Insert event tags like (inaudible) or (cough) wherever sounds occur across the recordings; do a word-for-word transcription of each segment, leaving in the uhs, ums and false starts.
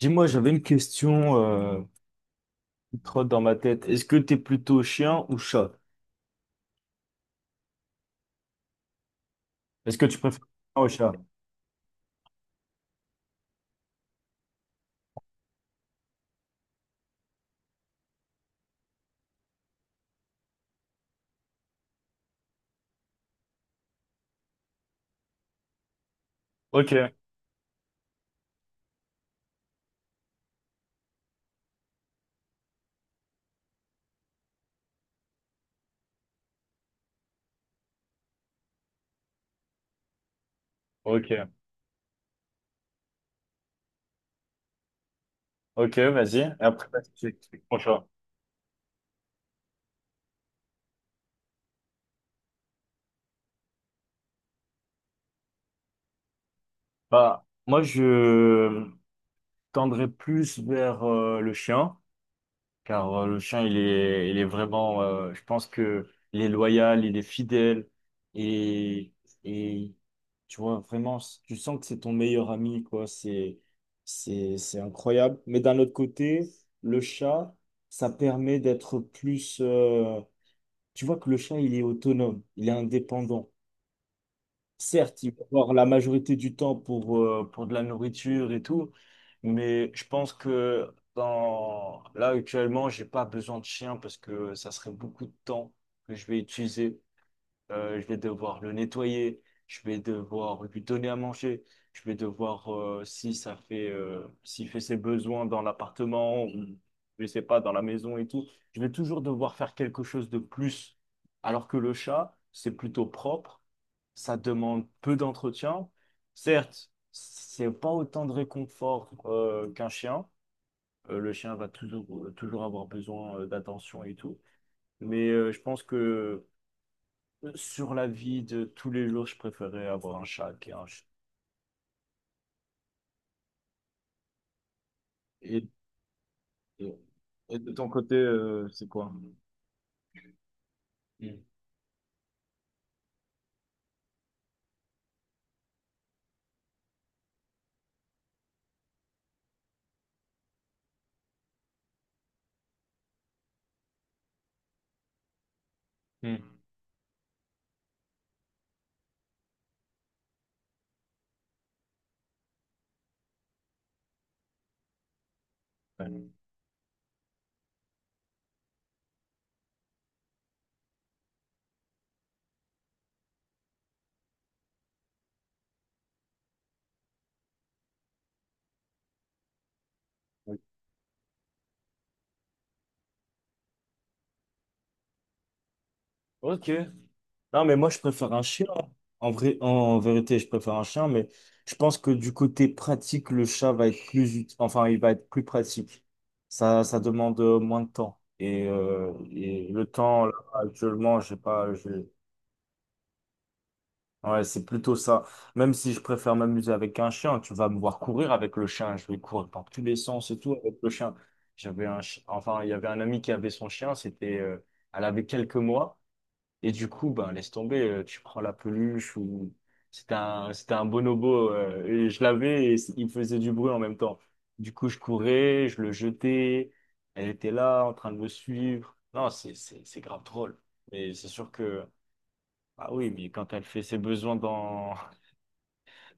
Dis-moi, j'avais une question euh, qui trotte dans ma tête. Est-ce que t'es plutôt chien ou chat? Est-ce que tu préfères chien ou chat? Ok, ok, ok, vas-y. Et après, vas-y, tu expliques mon chat. Bah, moi, je tendrais plus vers euh, le chien, car euh, le chien, il est, il est vraiment, euh, je pense que il est loyal, il est fidèle, et, et tu vois, vraiment, tu sens que c'est ton meilleur ami, quoi, c'est, c'est, c'est incroyable. Mais d'un autre côté, le chat, ça permet d'être plus, euh, tu vois que le chat, il est autonome, il est indépendant. Certes, il va avoir la majorité du temps pour, euh, pour de la nourriture et tout, mais je pense que dans... là actuellement, j'ai pas besoin de chien parce que ça serait beaucoup de temps que je vais utiliser. Euh, je vais devoir le nettoyer, je vais devoir lui donner à manger, je vais devoir, euh, si ça fait, euh, s'il fait ses besoins dans l'appartement ou je sais pas, dans la maison et tout, je vais toujours devoir faire quelque chose de plus. Alors que le chat, c'est plutôt propre, ça demande peu d'entretien. Certes, c'est pas autant de réconfort, euh, qu'un chien. Euh, le chien va toujours, euh, toujours avoir besoin, euh, d'attention et tout. Mais, euh, je pense que sur la vie de tous les jours, je préférais avoir un chat qu'un chien. Et, et- et de ton côté, euh, c'est quoi? Mm. Mm. Ouais. Oui. Ok. Non, mais moi, je préfère un chien. En vrai, en vérité, je préfère un chien, mais je pense que du côté pratique, le chat va être plus utile. Enfin, il va être plus pratique. Ça, ça demande euh, moins de temps. Et, euh, et le temps, là, actuellement, je sais pas, j'ai... Ouais, c'est plutôt ça. Même si je préfère m'amuser avec un chien, tu vas me voir courir avec le chien. Je vais courir par tous les sens et tout avec le chien. J'avais un, chi- enfin, il y avait un ami qui avait son chien. C'était, euh, elle avait quelques mois. Et du coup, ben, laisse tomber. Euh, tu prends la peluche ou c'était un, c'était un bonobo. Euh, et je l'avais et c- il faisait du bruit en même temps. Du coup, je courais, je le jetais. Elle était là en train de me suivre. Non, c'est, c'est, c'est grave drôle. Mais c'est sûr que, ah oui, mais quand elle fait ses besoins dans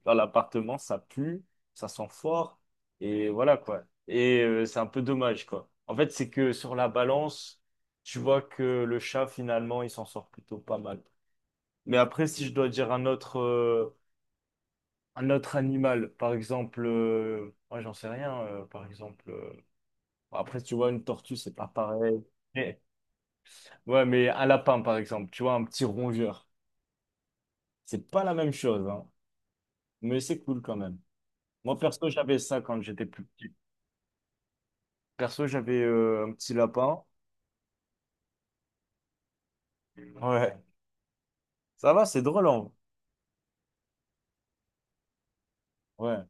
dans l'appartement, ça pue, ça sent fort, et voilà quoi. Et euh, c'est un peu dommage quoi. En fait, c'est que sur la balance, tu vois que le chat finalement, il s'en sort plutôt pas mal. Mais après, si je dois dire un autre, euh, un autre animal, par exemple, euh, ouais, j'en sais rien, euh, par exemple, euh, bon, après, tu vois, une tortue, c'est pas pareil. Mais- ouais, mais un lapin, par exemple, tu vois, un petit rongeur, c'est pas la même chose, hein. Mais c'est cool quand même. Moi, perso, j'avais ça quand j'étais plus petit. Perso, j'avais euh, un petit lapin. Ouais. Ça va, c'est drôle, en vrai. Ouais.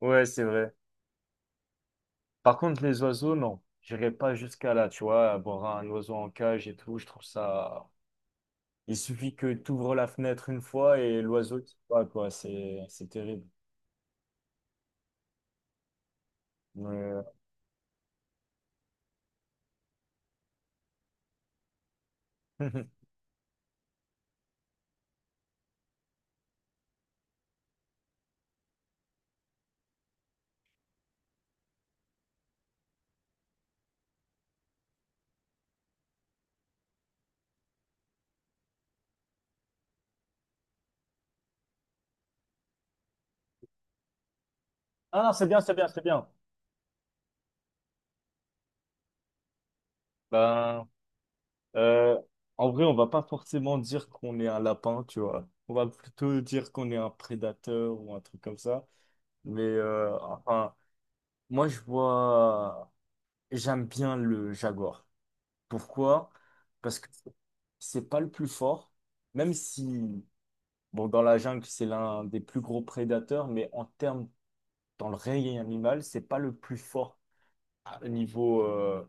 Ouais, c'est vrai. Par contre, les oiseaux, non. J'irai pas jusqu'à là, tu vois, avoir un oiseau en cage et tout, je trouve ça... Il suffit que tu ouvres la fenêtre une fois et l'oiseau qui va, quoi. C'est c'est terrible. Mais... (laughs) Ah non, c'est bien, c'est bien, c'est bien. Ben, euh, en vrai, on va pas forcément dire qu'on est un lapin, tu vois. On va plutôt dire qu'on est un prédateur ou un truc comme ça. Mais euh, enfin, Moi, je vois, j'aime bien le Jaguar. Pourquoi? Parce que c'est pas le plus fort, même si, bon, dans la jungle, c'est l'un des plus gros prédateurs, mais en termes, dans le règne animal, c'est pas le plus fort à- niveau euh,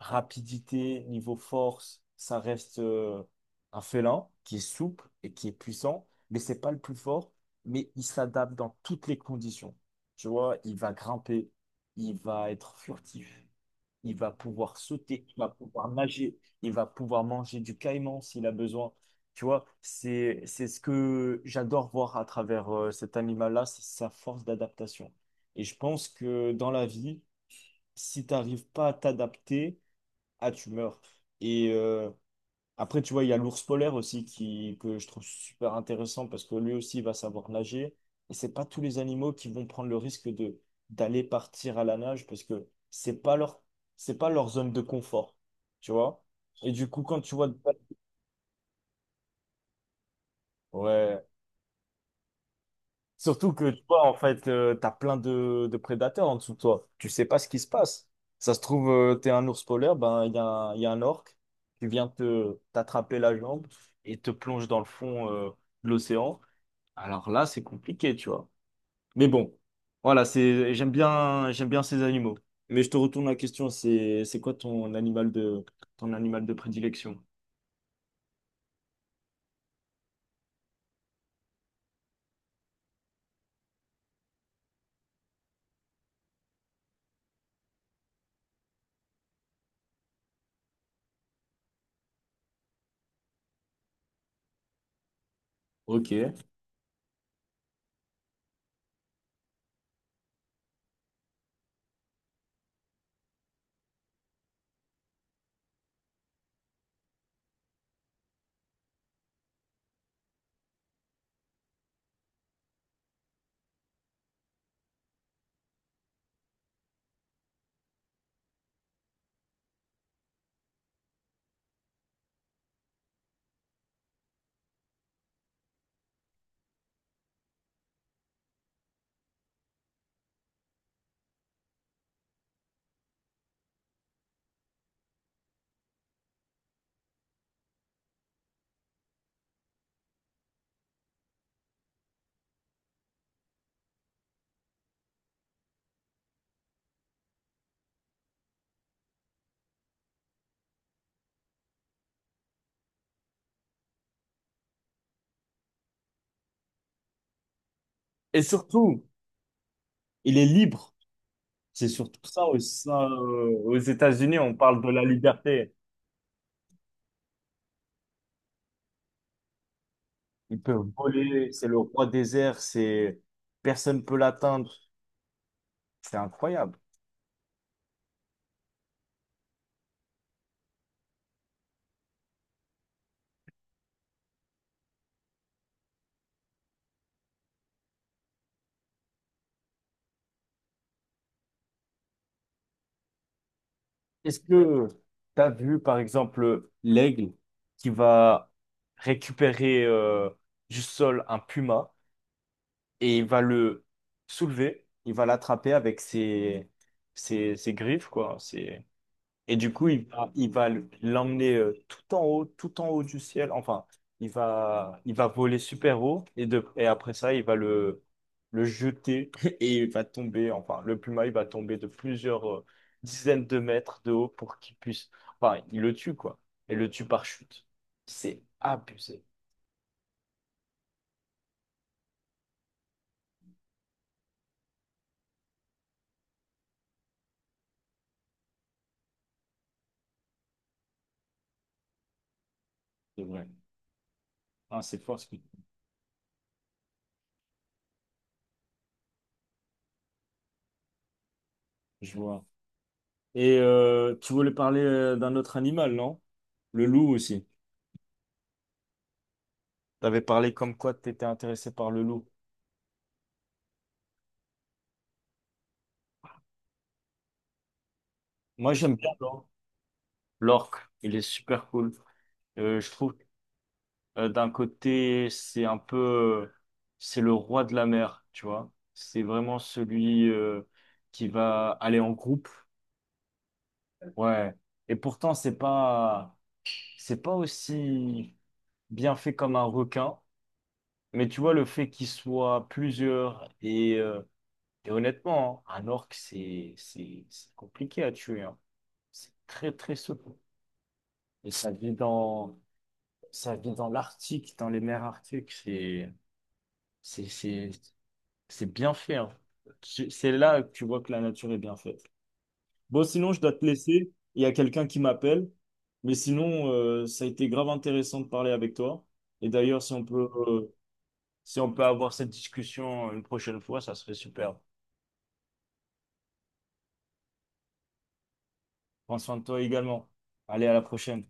rapidité, niveau force. Ça reste euh, un félin qui est souple et qui est puissant, mais c'est pas le plus fort, mais il s'adapte dans toutes les conditions. Tu vois, il va grimper, il va être furtif, il va pouvoir sauter, il va pouvoir nager, il va pouvoir manger du caïman s'il a besoin. Tu vois, c'est, c'est ce que j'adore voir à travers euh, cet animal-là, c'est sa force d'adaptation. Et je pense que dans la vie, si tu n'arrives pas à t'adapter, ah, tu meurs. Et, euh, après, tu vois, il y a l'ours polaire aussi qui, que je trouve super intéressant parce que lui aussi va savoir nager. Et c'est pas tous les animaux qui vont prendre le risque de d'aller partir à la nage parce que c'est pas leur c'est pas leur zone de confort, tu vois. Et du coup, quand tu vois le- Ouais, surtout que tu vois en fait, euh, t'as plein de, de prédateurs en dessous de toi. Tu sais pas ce qui se passe. Ça se trouve, euh, t'es un ours polaire, ben il y a un, il y a un orque qui vient te t'attraper la jambe et te plonge dans le fond euh, de l'océan. Alors là, c'est compliqué, tu vois. Mais bon, voilà, c'est, j'aime bien, j'aime bien ces animaux. Mais je te retourne la question, c'est, c'est quoi ton animal de, ton animal de prédilection? Ok. Et surtout, il est libre. C'est surtout ça, au- ça, euh, aux États-Unis, on parle de la liberté. Il peut voler, c'est le roi des airs, c'est, personne peut l'atteindre. C'est incroyable. Est-ce que tu as vu, par exemple, l'aigle qui va récupérer euh, du sol un puma et il va le soulever, il va l'attraper avec ses, ses, ses griffes, quoi. C'est Et du coup, il va, il va l'emmener euh, tout en haut, tout en haut du ciel. Enfin, il va, il va voler super haut et, de, et après ça, il va le, le jeter (laughs) et il va tomber. Enfin, le pluma, il va tomber de plusieurs euh, dizaines de mètres de haut pour qu'il puisse. Enfin, il le tue, quoi. Et le tue par chute. C'est abusé. C'est vrai. Ah, c'est fort ce que je vois. Et euh, tu voulais parler euh, d'un autre animal, non? Le loup aussi. T'avais parlé comme quoi t'étais intéressé par le loup. Moi, j'aime bien l'or- l'orque. Il est super cool. Euh, je trouve, euh, d'un côté, c'est un peu, c'est le roi de la mer, tu vois. C'est vraiment celui euh, qui va aller en groupe, ouais. Et pourtant, c'est pas, c'est pas aussi bien fait comme un requin. Mais tu vois, le fait qu'il soit plusieurs et, euh, et honnêtement, hein, un orque, c'est, c'est, c'est compliqué à tuer, hein. C'est très, très souple. Et ça vit dans Ça vit dans l'Arctique, dans les mers arctiques. C'est, c'est, c'est, c'est bien fait, hein. Tu- C'est là que tu vois que la nature est bien faite. Bon, sinon, je dois te laisser. Il y a quelqu'un qui m'appelle. Mais sinon, euh, ça a été grave intéressant de parler avec toi. Et d'ailleurs, si on peut, euh, si on peut avoir cette discussion euh, une prochaine fois, ça serait super. Prends soin de toi également. Allez, à la prochaine.